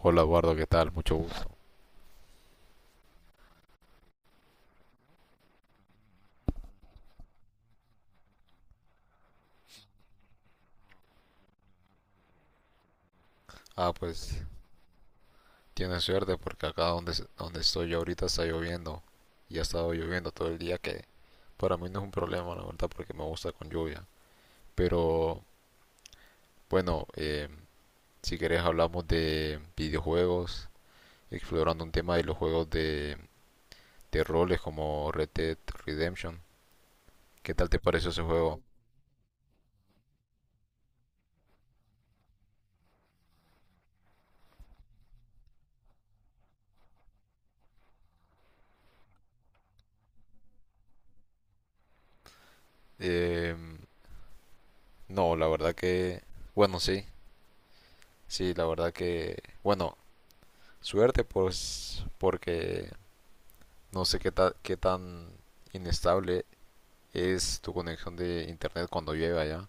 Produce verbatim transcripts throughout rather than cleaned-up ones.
Hola Eduardo, ¿qué tal? Mucho gusto. Ah, pues tienes suerte porque acá donde, donde estoy yo ahorita está lloviendo y ha estado lloviendo todo el día, que para mí no es un problema, la verdad, porque me gusta con lluvia. Pero bueno, eh, si querés hablamos de videojuegos, explorando un tema de los juegos de, de roles como Red Dead Redemption. ¿Qué tal te pareció ese juego? Eh, no, la verdad que... Bueno, sí, sí, la verdad que... Bueno, suerte pues porque no sé qué, ta- qué tan inestable es tu conexión de internet cuando llueve allá.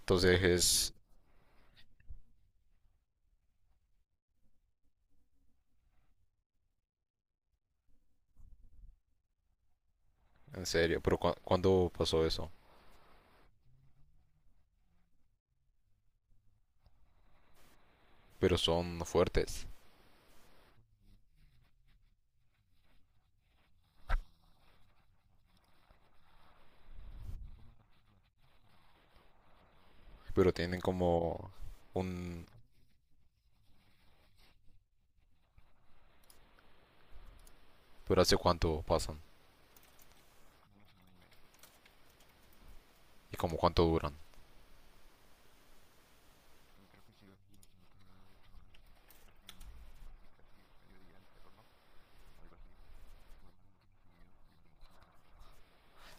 Entonces es en serio, pero cu- ¿cuándo pasó eso? Pero son fuertes, pero tienen como un... ¿Pero hace cuánto pasan? ¿Y como cuánto duran?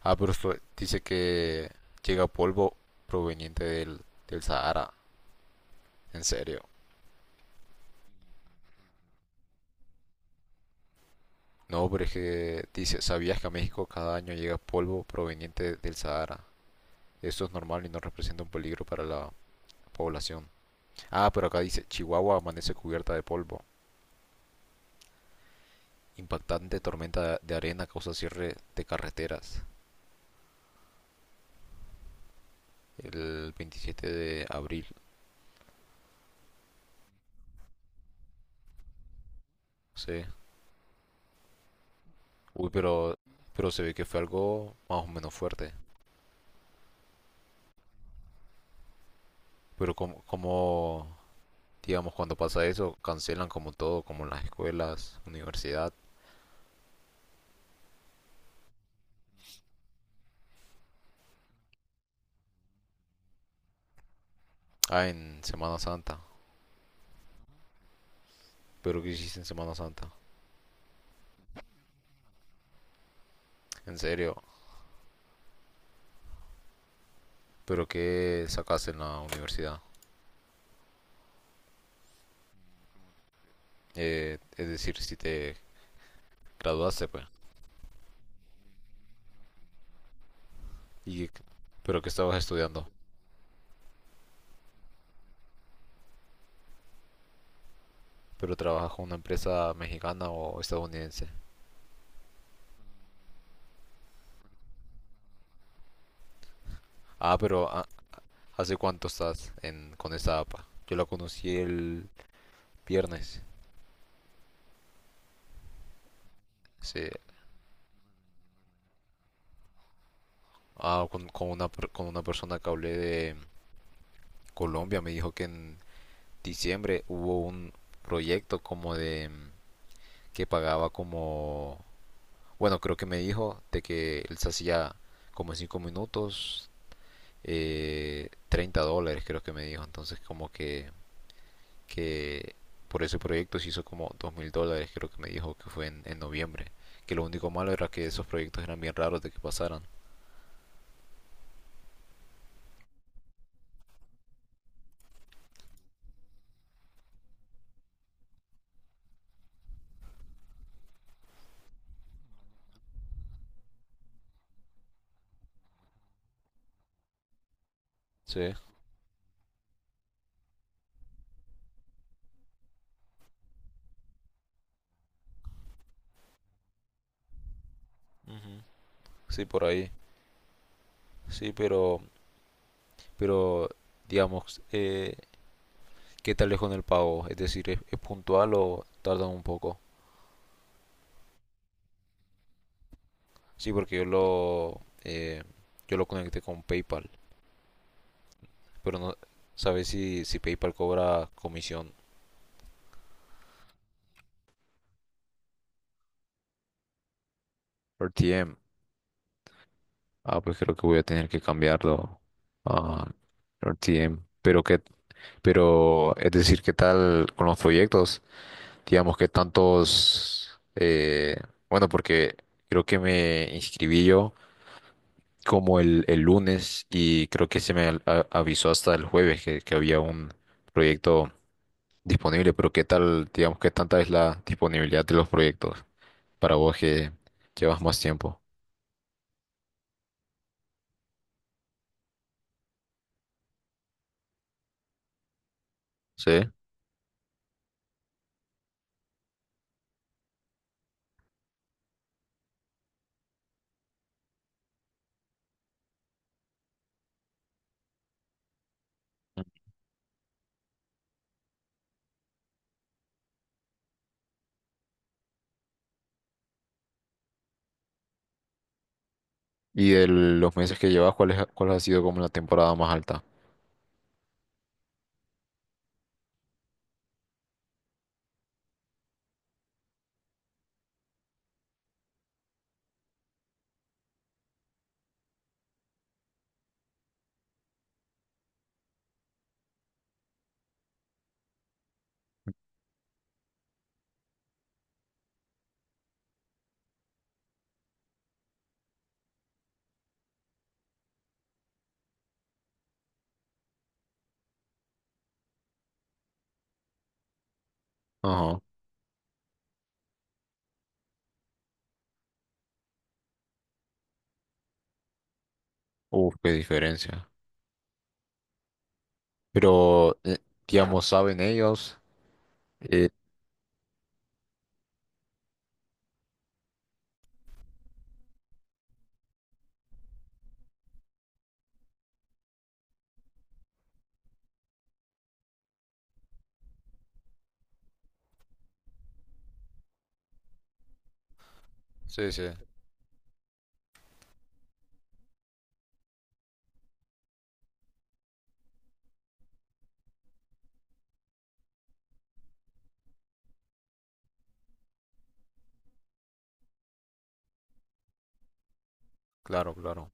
Ah, pero esto dice que llega polvo proveniente del, del Sahara. En serio. No, pero es que dice, ¿sabías que a México cada año llega polvo proveniente del Sahara? Esto es normal y no representa un peligro para la población. Ah, pero acá dice, Chihuahua amanece cubierta de polvo. Impactante tormenta de arena causa cierre de carreteras el veintisiete de abril. Sí. Uy, pero, pero se ve que fue algo más o menos fuerte. Pero como, como, digamos, cuando pasa eso, cancelan como todo, como en las escuelas, universidad. Ah, en Semana Santa. Pero ¿qué hiciste en Semana Santa? En serio. ¿Pero qué sacaste en la universidad? Eh, es decir, si te graduaste, pues. Y, pero que estabas estudiando, pero trabajas con una empresa mexicana o estadounidense. Ah, pero ah, ¿hace cuánto estás en, con esta A P A? Yo la conocí el viernes. Sí. Ah, con, con una, per- con una persona que hablé de Colombia, me dijo que en diciembre hubo un proyecto como de mm, que pagaba como, bueno, creo que me dijo de que él se hacía como en cinco minutos, eh, treinta dólares creo que me dijo, entonces como que que por ese proyecto se hizo como dos mil dólares, creo que me dijo que fue en, en noviembre. Que lo único malo era que esos proyectos eran bien raros de que pasaran. Sí, ujú, sí, por ahí. Sí, pero, pero digamos, eh, ¿qué tal es con el pago? Es decir, ¿es, es puntual o tardan un poco? Sí, porque yo lo, eh, yo lo conecté con PayPal, pero no sabes si, si PayPal cobra comisión. Por T M. Ah, pues creo que voy a tener que cambiarlo a R T M. Pero que, pero es decir, ¿qué tal con los proyectos? Digamos, ¿qué tantos? eh, bueno, porque creo que me inscribí yo como el, el lunes y creo que se me al- a- avisó hasta el jueves que, que había un proyecto disponible. Pero ¿qué tal, digamos, qué tanta es la disponibilidad de los proyectos para vos que llevas más tiempo? Sí. Y de los meses que llevas, ¿cuál es- cuál ha sido como la temporada más alta? Ajá. Uf, qué diferencia. Pero, eh, digamos, ¿saben ellos? Eh, sí, sí, claro, claro,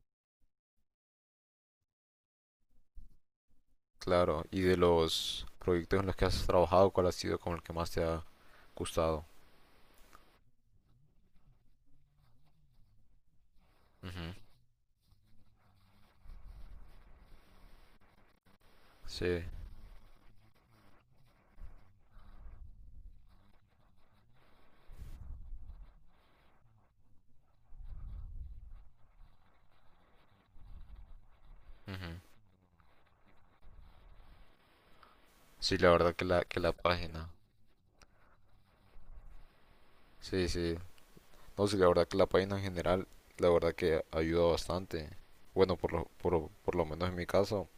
claro. Y de los proyectos en los que has trabajado, ¿cuál ha sido como el que más te ha gustado? Ujú, sí, ujú. Sí, la verdad que la, que la página. Sí, sí. No, sí, la verdad que la página en general, la verdad que ayuda bastante. Bueno, por lo, por, lo- por lo menos en mi caso.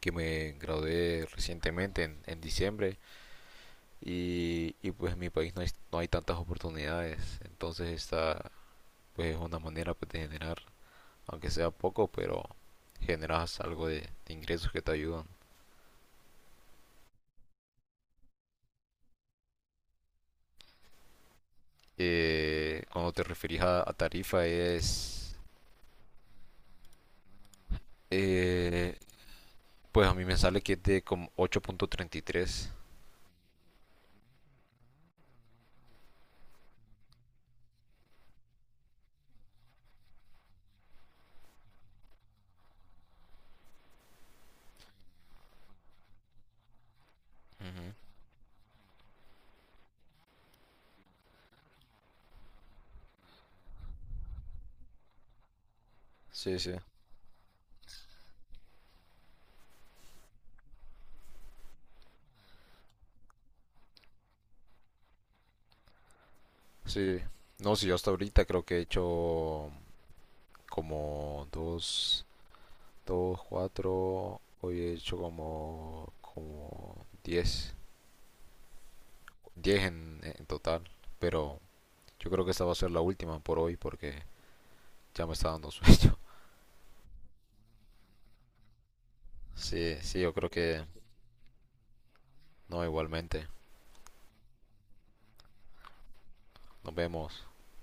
Que me gradué recientemente en, en diciembre y, y, pues en mi país no hay, no hay tantas oportunidades, entonces esta pues es una manera pues, de generar, aunque sea poco, pero generas algo de, de ingresos que te ayudan. Eh, cuando te referís a, a tarifa es, eh, pues a mí me sale que es de como ocho punto treinta y tres. Ujú. Sí, sí, sí. No, sí, yo hasta ahorita creo que he hecho como dos. Dos cuatro hoy he hecho como, como diez, diez en, en total, pero yo creo que esta va a ser la última por hoy porque ya me está dando sueño. Sí, sí, yo creo que no, igualmente. Nos vemos.